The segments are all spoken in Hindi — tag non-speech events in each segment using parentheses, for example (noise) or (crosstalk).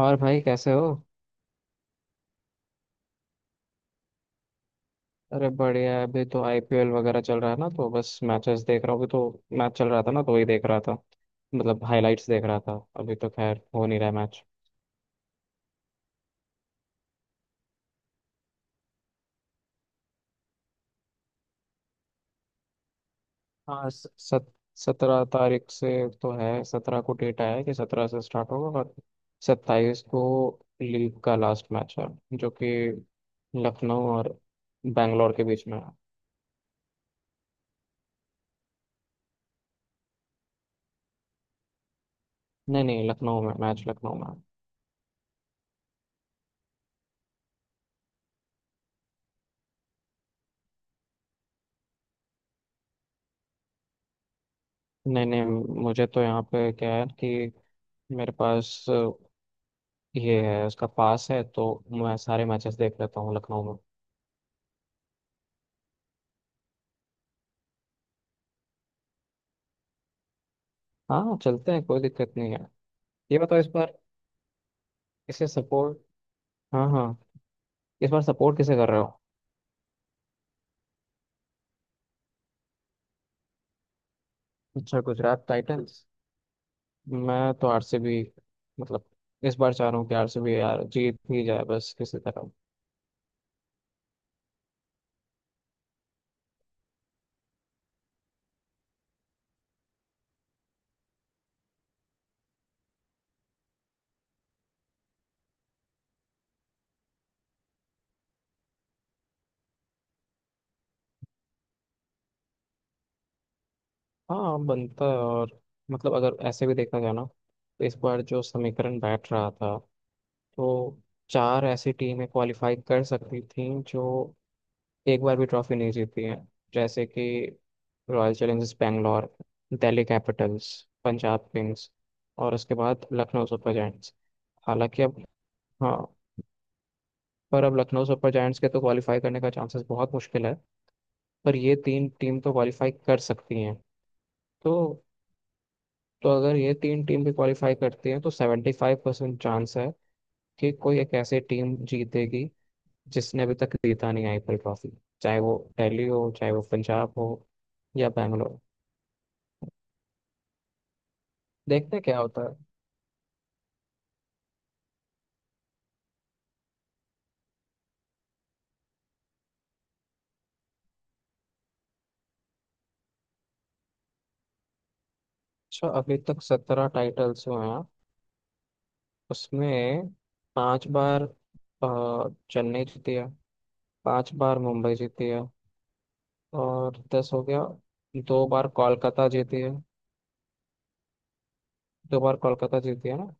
और भाई कैसे हो? अरे बढ़िया है, अभी तो आईपीएल वगैरह चल रहा है ना, तो बस मैचेस देख रहा हूँ। अभी तो मैच चल रहा था ना, तो वही देख रहा था। मतलब हाइलाइट्स देख रहा था, अभी तो खैर हो नहीं रहा मैच। हाँ, स- सत 17 तारीख से। तो है, 17 को डेट आया है कि 17 से स्टार्ट होगा, और 27 को लीग का लास्ट मैच है, जो कि लखनऊ और बैंगलोर के बीच में है। नहीं नहीं, लखनऊ में मैच, लखनऊ में है। नहीं नहीं, मुझे तो यहाँ पे क्या है कि मेरे पास ये है, उसका पास है, तो मैं सारे मैचेस देख लेता हूँ लखनऊ में। हाँ, चलते हैं, कोई दिक्कत नहीं है। ये बताओ, इस बार इसे सपोर्ट। हाँ हाँ, इस बार सपोर्ट किसे कर रहे हो? अच्छा, गुजरात टाइटंस। मैं तो आरसीबी, मतलब इस बार चाह रहा हूँ कि आरसीबी यार जीत ही जाए बस किसी तरह। हाँ, बनता है। और मतलब अगर ऐसे भी देखा जाए ना, तो इस बार जो समीकरण बैठ रहा था, तो चार ऐसी टीमें क्वालिफाई कर सकती थी जो एक बार भी ट्रॉफी नहीं जीती हैं, जैसे कि Royal Challengers Bangalore, Delhi Capitals, Punjab Kings, और उसके बाद लखनऊ सुपर जायंट्स। हालांकि अब, हाँ, पर अब लखनऊ सुपर जायंट्स के तो क्वालिफाई करने का चांसेस बहुत मुश्किल है। पर ये तीन टीम तो क्वालिफाई कर सकती हैं। तो तो अगर ये तीन टीम भी क्वालिफाई करती हैं तो 75% चांस है कि कोई एक ऐसी टीम जीतेगी जिसने अभी तक जीता नहीं आईपीएल ट्रॉफी। चाहे वो दिल्ली हो, चाहे वो पंजाब हो, या बैंगलोर। देखते हैं क्या होता है। अच्छा, अभी तक 17 टाइटल्स हुए हैं। उसमें पांच बार चेन्नई जीती है, 5 बार मुंबई जीती है, और दस हो गया। 2 बार कोलकाता जीती है। 2 बार कोलकाता जीती है ना?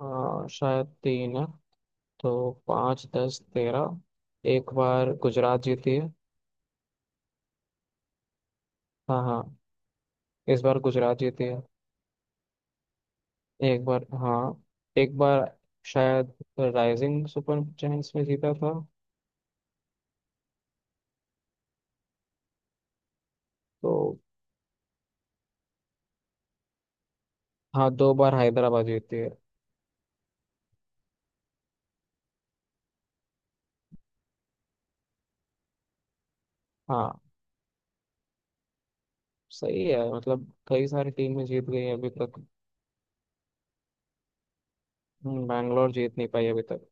शायद तीन है। तो पाँच, दस, तेरह। एक बार गुजरात जीती है। हाँ हाँ, इस बार गुजरात जीती है। एक बार, हाँ, एक बार शायद राइजिंग सुपर जायंट्स में जीता था। तो हाँ, 2 बार हैदराबाद जीती है। हाँ, सही है, मतलब कई सारी टीमें जीत गई हैं अभी तक। बैंगलोर जीत नहीं पाई अभी तक।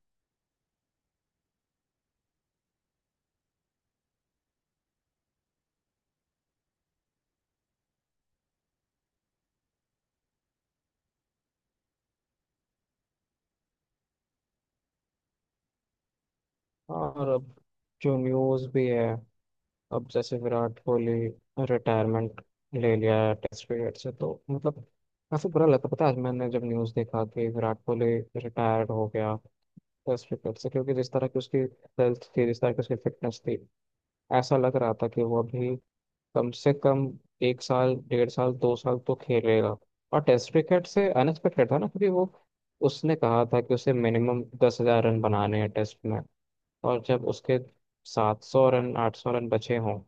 और अब जो न्यूज़ भी है, अब जैसे विराट कोहली रिटायरमेंट ले लिया है टेस्ट क्रिकेट से, तो मतलब काफी बुरा लगता, पता है, आज मैंने जब न्यूज़ देखा कि विराट कोहली रिटायर्ड हो गया टेस्ट क्रिकेट से, क्योंकि जिस तरह की उसकी हेल्थ थी, जिस तरह की उसकी फिटनेस थी, ऐसा लग रहा था कि वो अभी कम से कम 1 साल, 1.5 साल, 2 साल तो खेलेगा। और टेस्ट क्रिकेट से अनएक्सपेक्टेड था ना, क्योंकि वो उसने कहा था कि उसे मिनिमम 10,000 रन बनाने हैं टेस्ट में। और जब उसके 700 रन, 800 रन बचे हों,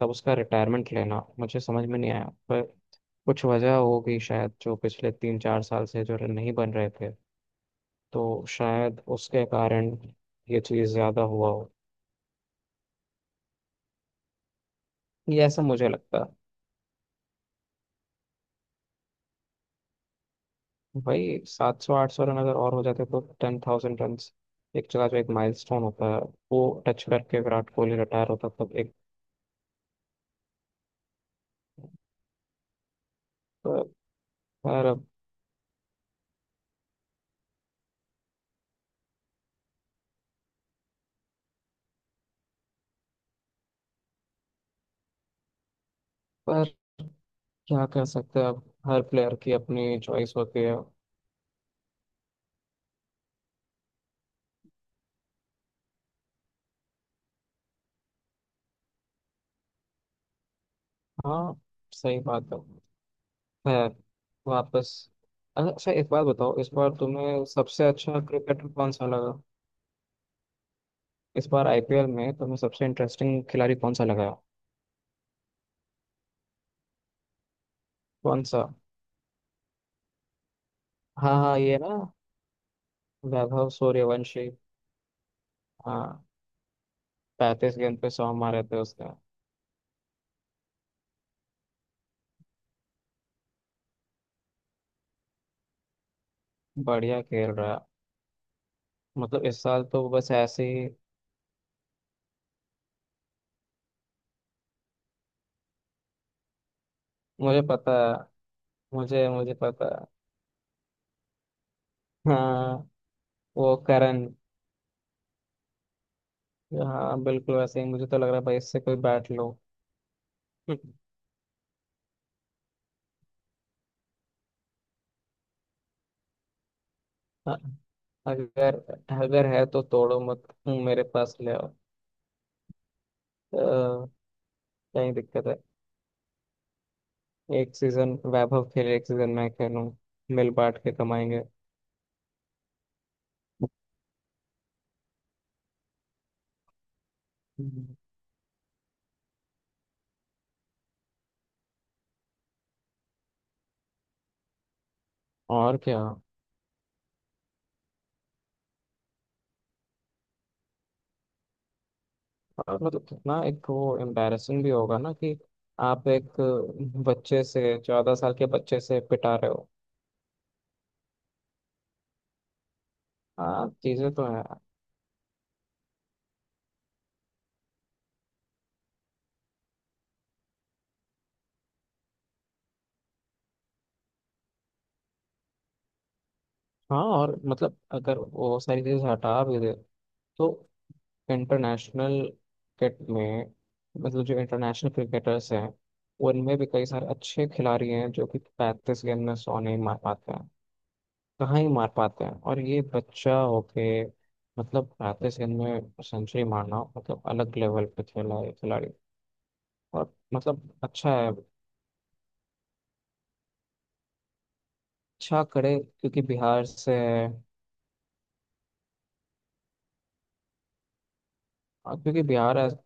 तब उसका रिटायरमेंट लेना मुझे समझ में नहीं आया, पर कुछ वजह होगी शायद, जो पिछले तीन चार साल से जो रन नहीं बन रहे थे, तो शायद उसके कारण ये चीज़ ज़्यादा हुआ हो, ये ऐसा मुझे लगता है। भाई, 700 800 रन अगर और हो जाते तो 10,000 रन, एक जगह जो एक माइलस्टोन होता है, वो टच करके विराट कोहली रिटायर होता, तब एक। पर पर क्या कर सकते हैं अब, हर प्लेयर की अपनी चॉइस होती है। हाँ, सही बात है। खैर, वापस। अच्छा, एक बात बताओ, इस बार तुम्हें सबसे अच्छा क्रिकेटर कौन सा लगा? इस बार आईपीएल में तुम्हें सबसे इंटरेस्टिंग खिलाड़ी कौन सा लगा? कौन सा? हाँ हाँ, ये ना, वैभव सूर्यवंशी। हाँ, 35 गेंद पे 100 मारे थे उसने। बढ़िया खेल रहा है। मतलब इस साल तो वो बस ऐसे ही। मुझे पता है, मुझे मुझे पता है। हाँ, वो करण। हाँ, बिल्कुल वैसे ही मुझे तो लग रहा है, भाई, इससे कोई बैट लो। (laughs) हाँ, अगर अगर है तो तोड़ो मत, मेरे पास ले आओ। अ, कहीं दिक्कत है। एक सीजन वैभव खेले, एक सीजन मैं खेलूं, मिल बांट के कमाएंगे। हम्म। और क्या? और मतलब कितना एक वो एम्बैरेसिंग भी होगा ना कि आप एक बच्चे से, 14 साल के बच्चे से पिटा रहे हो। हाँ, चीजें तो हैं। हाँ, और मतलब अगर वो सारी चीजें हटा भी दे तो इंटरनेशनल क्रिकेट में, मतलब जो इंटरनेशनल क्रिकेटर्स हैं, उनमें भी कई सारे अच्छे खिलाड़ी हैं जो कि 35 गेंद में 100 नहीं मार पाते हैं, कहाँ ही मार पाते हैं। और ये बच्चा होके मतलब 35 गेंद में सेंचुरी मारना, मतलब अलग लेवल पे खेला है खिलाड़ी। और मतलब अच्छा है, अच्छा करे क्योंकि बिहार से है। और क्योंकि बिहार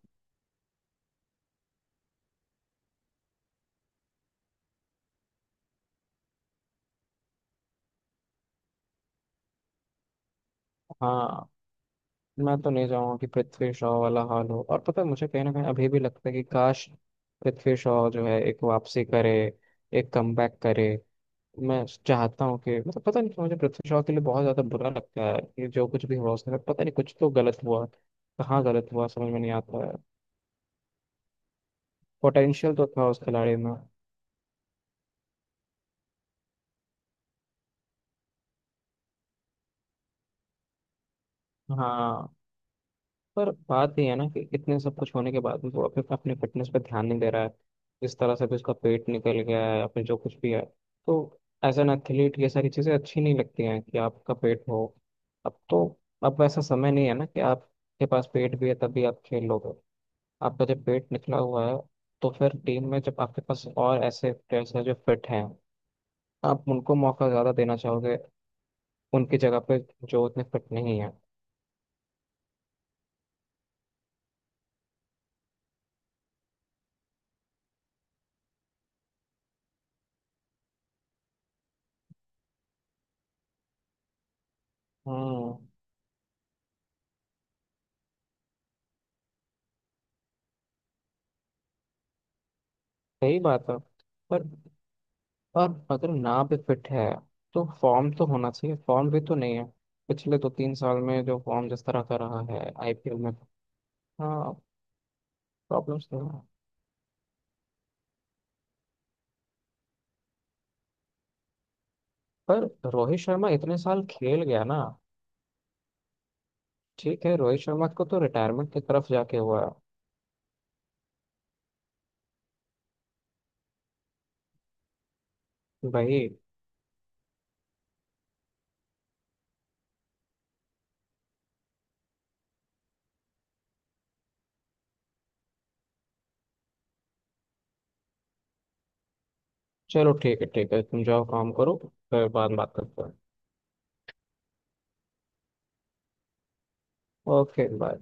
हाँ, मैं तो नहीं चाहूंगा कि पृथ्वी शॉ वाला हाल हो, और पता है, मुझे कहीं ना कहीं अभी भी लगता है कि काश पृथ्वी शॉ जो है एक वापसी करे, एक कमबैक करे। मैं चाहता हूँ कि मतलब पता नहीं क्यों मुझे पृथ्वी शॉ के लिए बहुत ज्यादा बुरा लगता है कि जो कुछ भी हुआ उसके साथ, पता नहीं, कुछ तो गलत हुआ, कहाँ गलत हुआ समझ में नहीं आता है। पोटेंशियल तो था उस खिलाड़ी में। हाँ, पर बात ये है ना कि इतने सब कुछ होने के बाद भी वो अपने अपने फिटनेस पे ध्यान नहीं दे रहा है, जिस तरह से भी उसका पेट निकल गया है, अपने जो कुछ भी है, तो एज एन एथलीट ये सारी चीज़ें अच्छी नहीं लगती हैं कि आपका पेट हो। अब तो अब ऐसा समय नहीं है ना कि आपके पास पेट भी है तभी आप खेल लोगे। आपका जब पेट निकला हुआ है तो फिर टीम में जब आपके पास और ऐसे प्लेयर्स हैं जो फिट हैं, आप उनको मौका ज़्यादा देना चाहोगे, उनकी जगह पे जो उतने फिट नहीं है। हम्म, सही बात है। पर और अगर ना भी फिट है, तो फॉर्म तो होना चाहिए, फॉर्म भी तो नहीं है। पिछले दो तीन साल में जो फॉर्म जिस तरह का रहा है आईपीएल में, हाँ, प्रॉब्लम्स तो है। पर रोहित शर्मा इतने साल खेल गया ना, ठीक है, रोहित शर्मा को तो रिटायरमेंट की तरफ जाके हुआ है। भाई, चलो, ठीक है ठीक है, तुम जाओ काम करो, फिर बाद में बात करते हैं। Okay, bye.